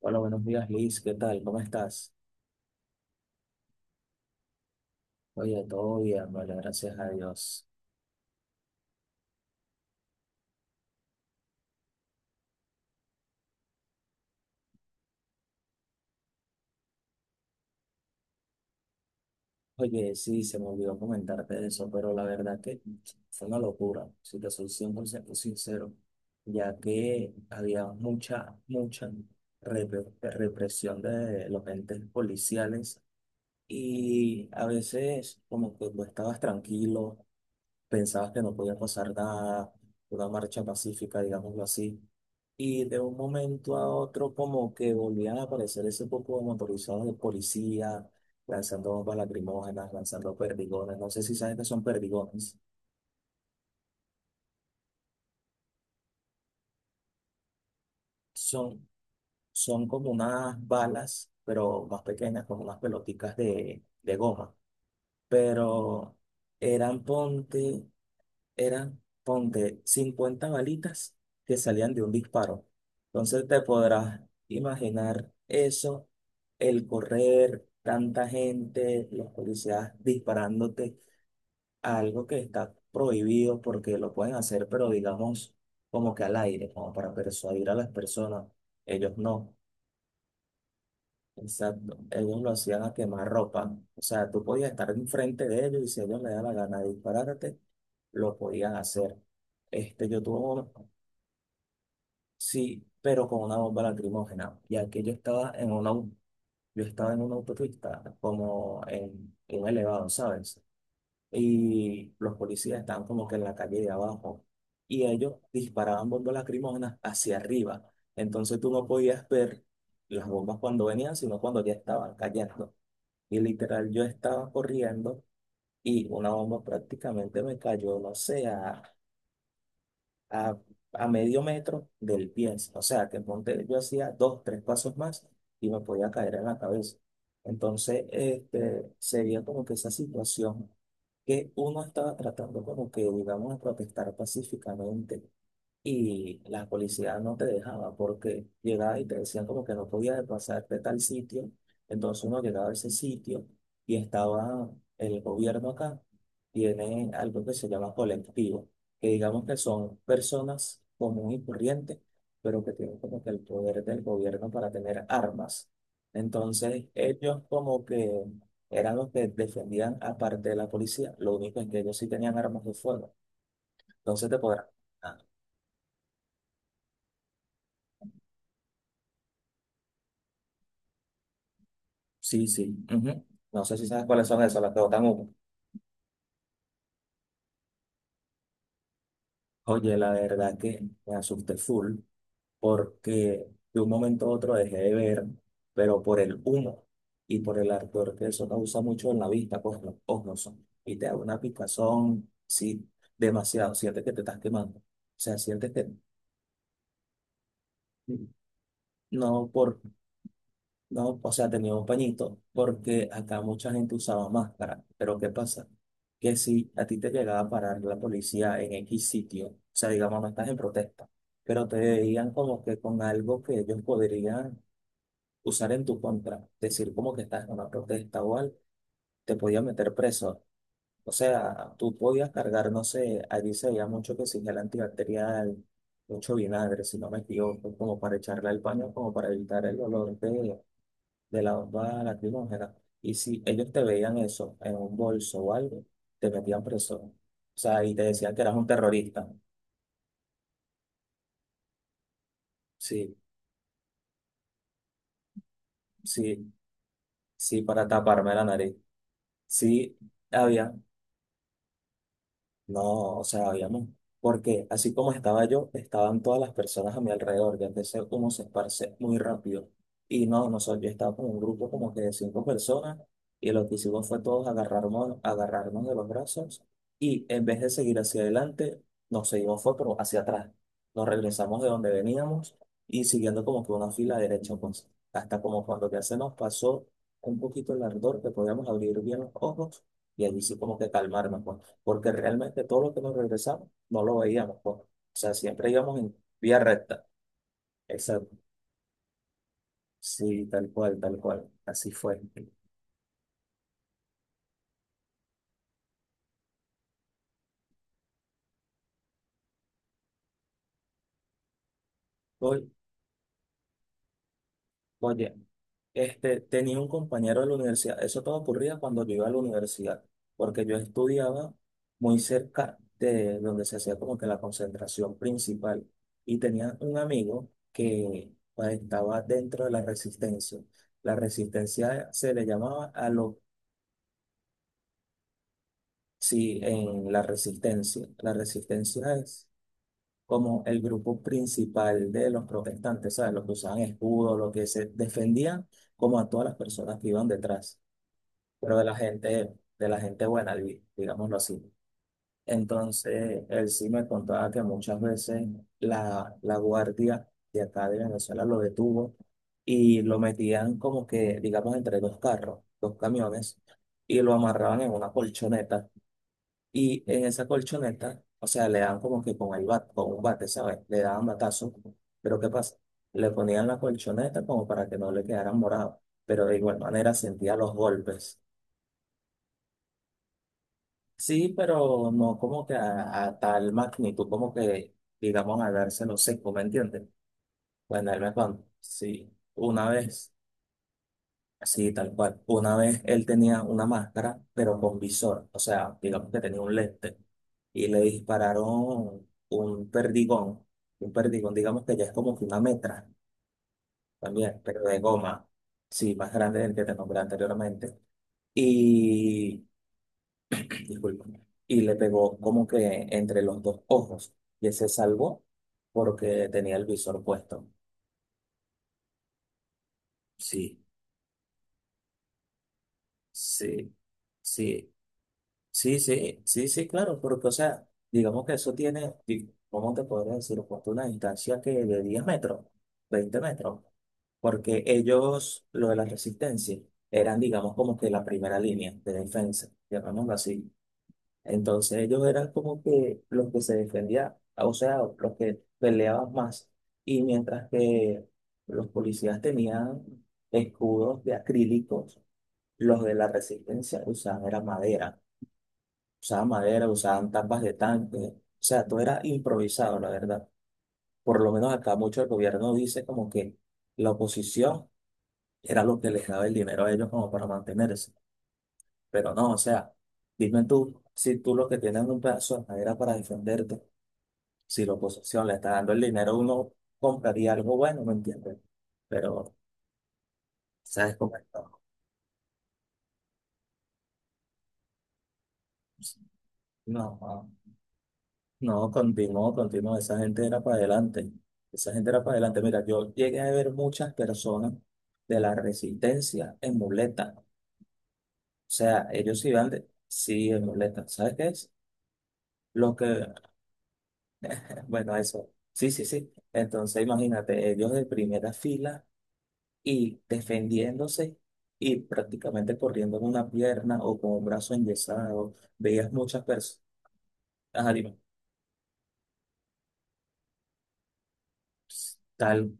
Hola, buenos días, Liz. ¿Qué tal? ¿Cómo estás? Oye, todo bien, vale, gracias a Dios. Oye, sí, se me olvidó comentarte de eso, pero la verdad que fue una locura, si te soy 100% sincero, ya que había mucha, mucha represión de los entes policiales y a veces como que tú estabas tranquilo pensabas que no podía pasar nada, una marcha pacífica, digámoslo así. Y de un momento a otro como que volvían a aparecer ese poco de motorizados de policía, lanzando bombas lacrimógenas, lanzando perdigones. No sé si sabes que son perdigones. Son, son como unas balas, pero más pequeñas, como unas pelotitas de goma. Pero eran, ponte, eran, ponte, 50 balitas que salían de un disparo. Entonces te podrás imaginar eso, el correr, tanta gente, los policías disparándote, algo que está prohibido porque lo pueden hacer, pero digamos como que al aire, como para persuadir a las personas. Ellos no. Exacto. Ellos lo hacían a quemar ropa. O sea, tú podías estar enfrente de ellos y si a ellos les daba la gana de dispararte, lo podían hacer. Este, yo tuve, sí, pero con una bomba lacrimógena. Y aquí yo estaba en una, yo estaba en una autopista, como en un elevado, ¿sabes? Y los policías estaban como que en la calle de abajo. Y ellos disparaban bombas lacrimógenas hacia arriba. Entonces tú no podías ver las bombas cuando venían, sino cuando ya estaban cayendo. Y literal, yo estaba corriendo y una bomba prácticamente me cayó, no sé, a, a medio metro del pie. O sea, que ponte, yo hacía dos, tres pasos más y me podía caer en la cabeza. Entonces, este, sería como que esa situación que uno estaba tratando como que, digamos, de protestar pacíficamente y la policía no te dejaba porque llegaba y te decían como que no podías pasar de tal sitio. Entonces uno llegaba a ese sitio y estaba el gobierno acá. Tiene algo que se llama colectivo, que digamos que son personas común y corriente pero que tienen como que el poder del gobierno para tener armas. Entonces ellos como que eran los que defendían aparte de la policía. Lo único es que ellos sí tenían armas de fuego. Entonces te podrán... Sí, sí. Ujú. No sé si sabes cuáles son esas, las que botan humo. Oye, la verdad que me asusté full porque de un momento a otro dejé de ver, pero por el humo y por el ardor que eso causa mucho en la vista, pues los ojos son. Y te da una picazón, sí, demasiado. Sientes que te estás quemando. O sea, sientes que mm, no, por No, o sea, tenía un pañito, porque acá mucha gente usaba máscara. Pero ¿qué pasa? Que si a ti te llegaba a parar la policía en X sitio, o sea, digamos, no estás en protesta, pero te veían como que con algo que ellos podrían usar en tu contra, decir como que estás en una protesta o algo, te podían meter preso. O sea, tú podías cargar, no sé, allí se veía mucho que si gel antibacterial, mucho vinagre, si no me equivoco, como para echarle al paño, como para evitar el olor de la bomba lacrimógena. Y si ellos te veían eso en un bolso o algo, te metían preso. O sea, y te decían que eras un terrorista. Sí, sí, sí, para taparme la nariz. Sí, había No, o sea, habíamos, porque así como estaba yo, estaban todas las personas a mi alrededor, ya empecé como se esparce muy rápido. Y no, nosotros, yo estaba con un grupo como que de cinco personas, y lo que hicimos fue todos agarrarnos, agarrarnos de los brazos, y en vez de seguir hacia adelante, nos seguimos fue pero hacia atrás. Nos regresamos de donde veníamos, y siguiendo como que una fila derecha, pues, hasta como cuando ya se nos pasó un poquito el ardor, que podíamos abrir bien los ojos, y allí sí como que calmarnos, pues porque realmente todo lo que nos regresamos no lo veíamos, pues. O sea, siempre íbamos en vía recta. Exacto. Sí, tal cual, tal cual. Así fue. Oy- Oye, este, tenía un compañero de la universidad. Eso todo ocurría cuando yo iba a la universidad, porque yo estudiaba muy cerca de donde se hacía como que la concentración principal. Y tenía un amigo que pues, estaba dentro de la resistencia. La resistencia se le llamaba a los Sí, en la resistencia. La resistencia es como el grupo principal de los protestantes, ¿sabes? Los que usaban escudo, los que se defendían como a todas las personas que iban detrás, pero de la gente buena, digámoslo así. Entonces, él sí me contaba que muchas veces la guardia de acá de Venezuela lo detuvo y lo metían como que, digamos, entre dos carros, dos camiones, y lo amarraban en una colchoneta y en esa colchoneta, o sea, le dan como que con el con un bate, ¿sabes? Le daban batazo. Pero ¿qué pasa? Le ponían la colchoneta como para que no le quedaran morados. Pero de igual manera sentía los golpes. Sí, pero no como que a tal magnitud, como que, digamos, al dárselo seco, ¿me entiendes? Bueno, él me contó, sí, una vez. Sí, tal cual. Una vez él tenía una máscara, pero con visor, o sea, digamos que tenía un lente, y le dispararon un perdigón, digamos que ya es como que una metra también, pero de goma, sí, más grande del que te nombré anteriormente. Y, disculpa, y le pegó como que entre los dos ojos, y él se salvó porque tenía el visor puesto. Sí, sí, sí. Sí, sí, sí, sí, claro, porque, o sea, digamos que eso tiene, ¿cómo te podría decir? Pues, una distancia que de 10 metros, 20 metros, porque ellos, lo de la resistencia, eran, digamos, como que la primera línea de defensa, llamémoslo así. Entonces ellos eran como que los que se defendían, o sea, los que peleaban más, y mientras que los policías tenían escudos de acrílicos, los de la resistencia usaban madera, usaban tapas de tanque, o sea, todo era improvisado, la verdad. Por lo menos acá mucho el gobierno dice como que la oposición era lo que les daba el dinero a ellos como para mantenerse, pero no, o sea, dime tú, si tú lo que tienes es un pedazo de madera para defenderte, si la oposición le está dando el dinero, uno compraría algo bueno, ¿me entiendes? Pero, ¿sabes cómo es? ¿Todo? No, no. No, continuó, continuó. Esa gente era para adelante. Esa gente era para adelante. Mira, yo llegué a ver muchas personas de la resistencia en muleta. O sea, ellos iban de... Sí, en muleta. ¿Sabes qué es? Lo que... Bueno, eso. Sí, sí, sí. Entonces, imagínate, ellos de primera fila y defendiéndose y prácticamente corriendo en una pierna o con un brazo enyesado. Veías muchas personas. Tal.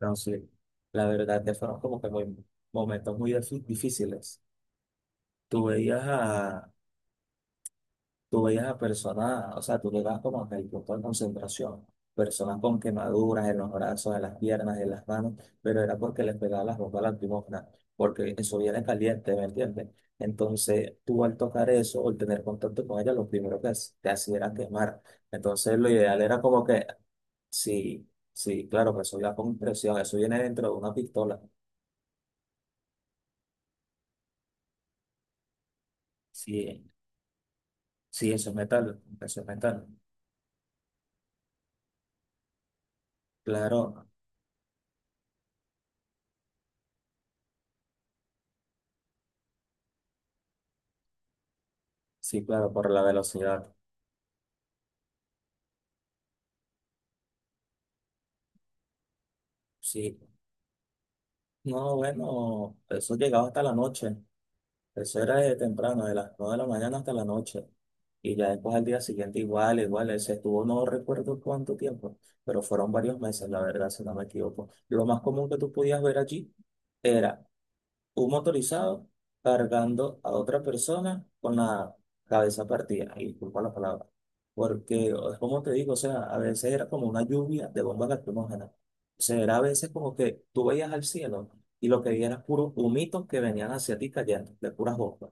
No, sí, la verdad que fueron como que muy, momentos muy difíciles. Tú veías a, tú veías a personas, o sea, tú le llegabas como que el punto de concentración, personas con quemaduras en los brazos, en las piernas, en las manos, pero era porque les pegaba las bombas lacrimógenas, porque eso viene caliente, ¿me entiendes? Entonces, tú al tocar eso o al tener contacto con ella, lo primero que te hacía era quemar. Entonces, lo ideal era como que, sí, sí, claro, que eso iba con presión, eso viene dentro de una pistola. Sí, sí, eso es metal, eso es metal. Claro, sí, claro, por la velocidad. Sí. No, bueno, eso llegaba hasta la noche. Eso era de temprano, de las 9 de la mañana hasta la noche. Y ya después al día siguiente igual, igual, ese estuvo, no recuerdo cuánto tiempo, pero fueron varios meses, la verdad, si no me equivoco. Lo más común que tú podías ver allí era un motorizado cargando a otra persona con la cabeza partida, y disculpa la palabra, porque como te digo, o sea, a veces era como una lluvia de bombas lacrimógenas, o sea, era a veces como que tú veías al cielo y lo que veías era puros humitos que venían hacia ti cayendo, de puras bombas.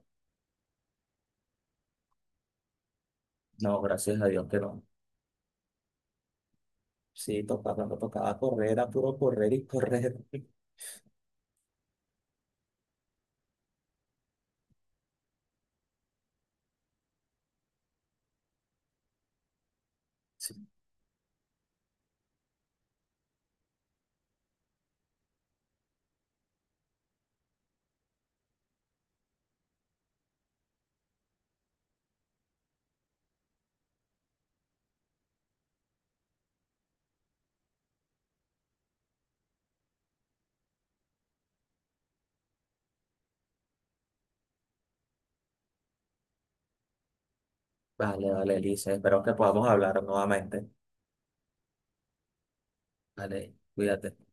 No, gracias a Dios que no. Sí, tocaba, cuando tocaba correr, era puro correr y correr. Sí. Vale, vale, Elisa, espero que podamos hablar nuevamente. Vale, cuídate.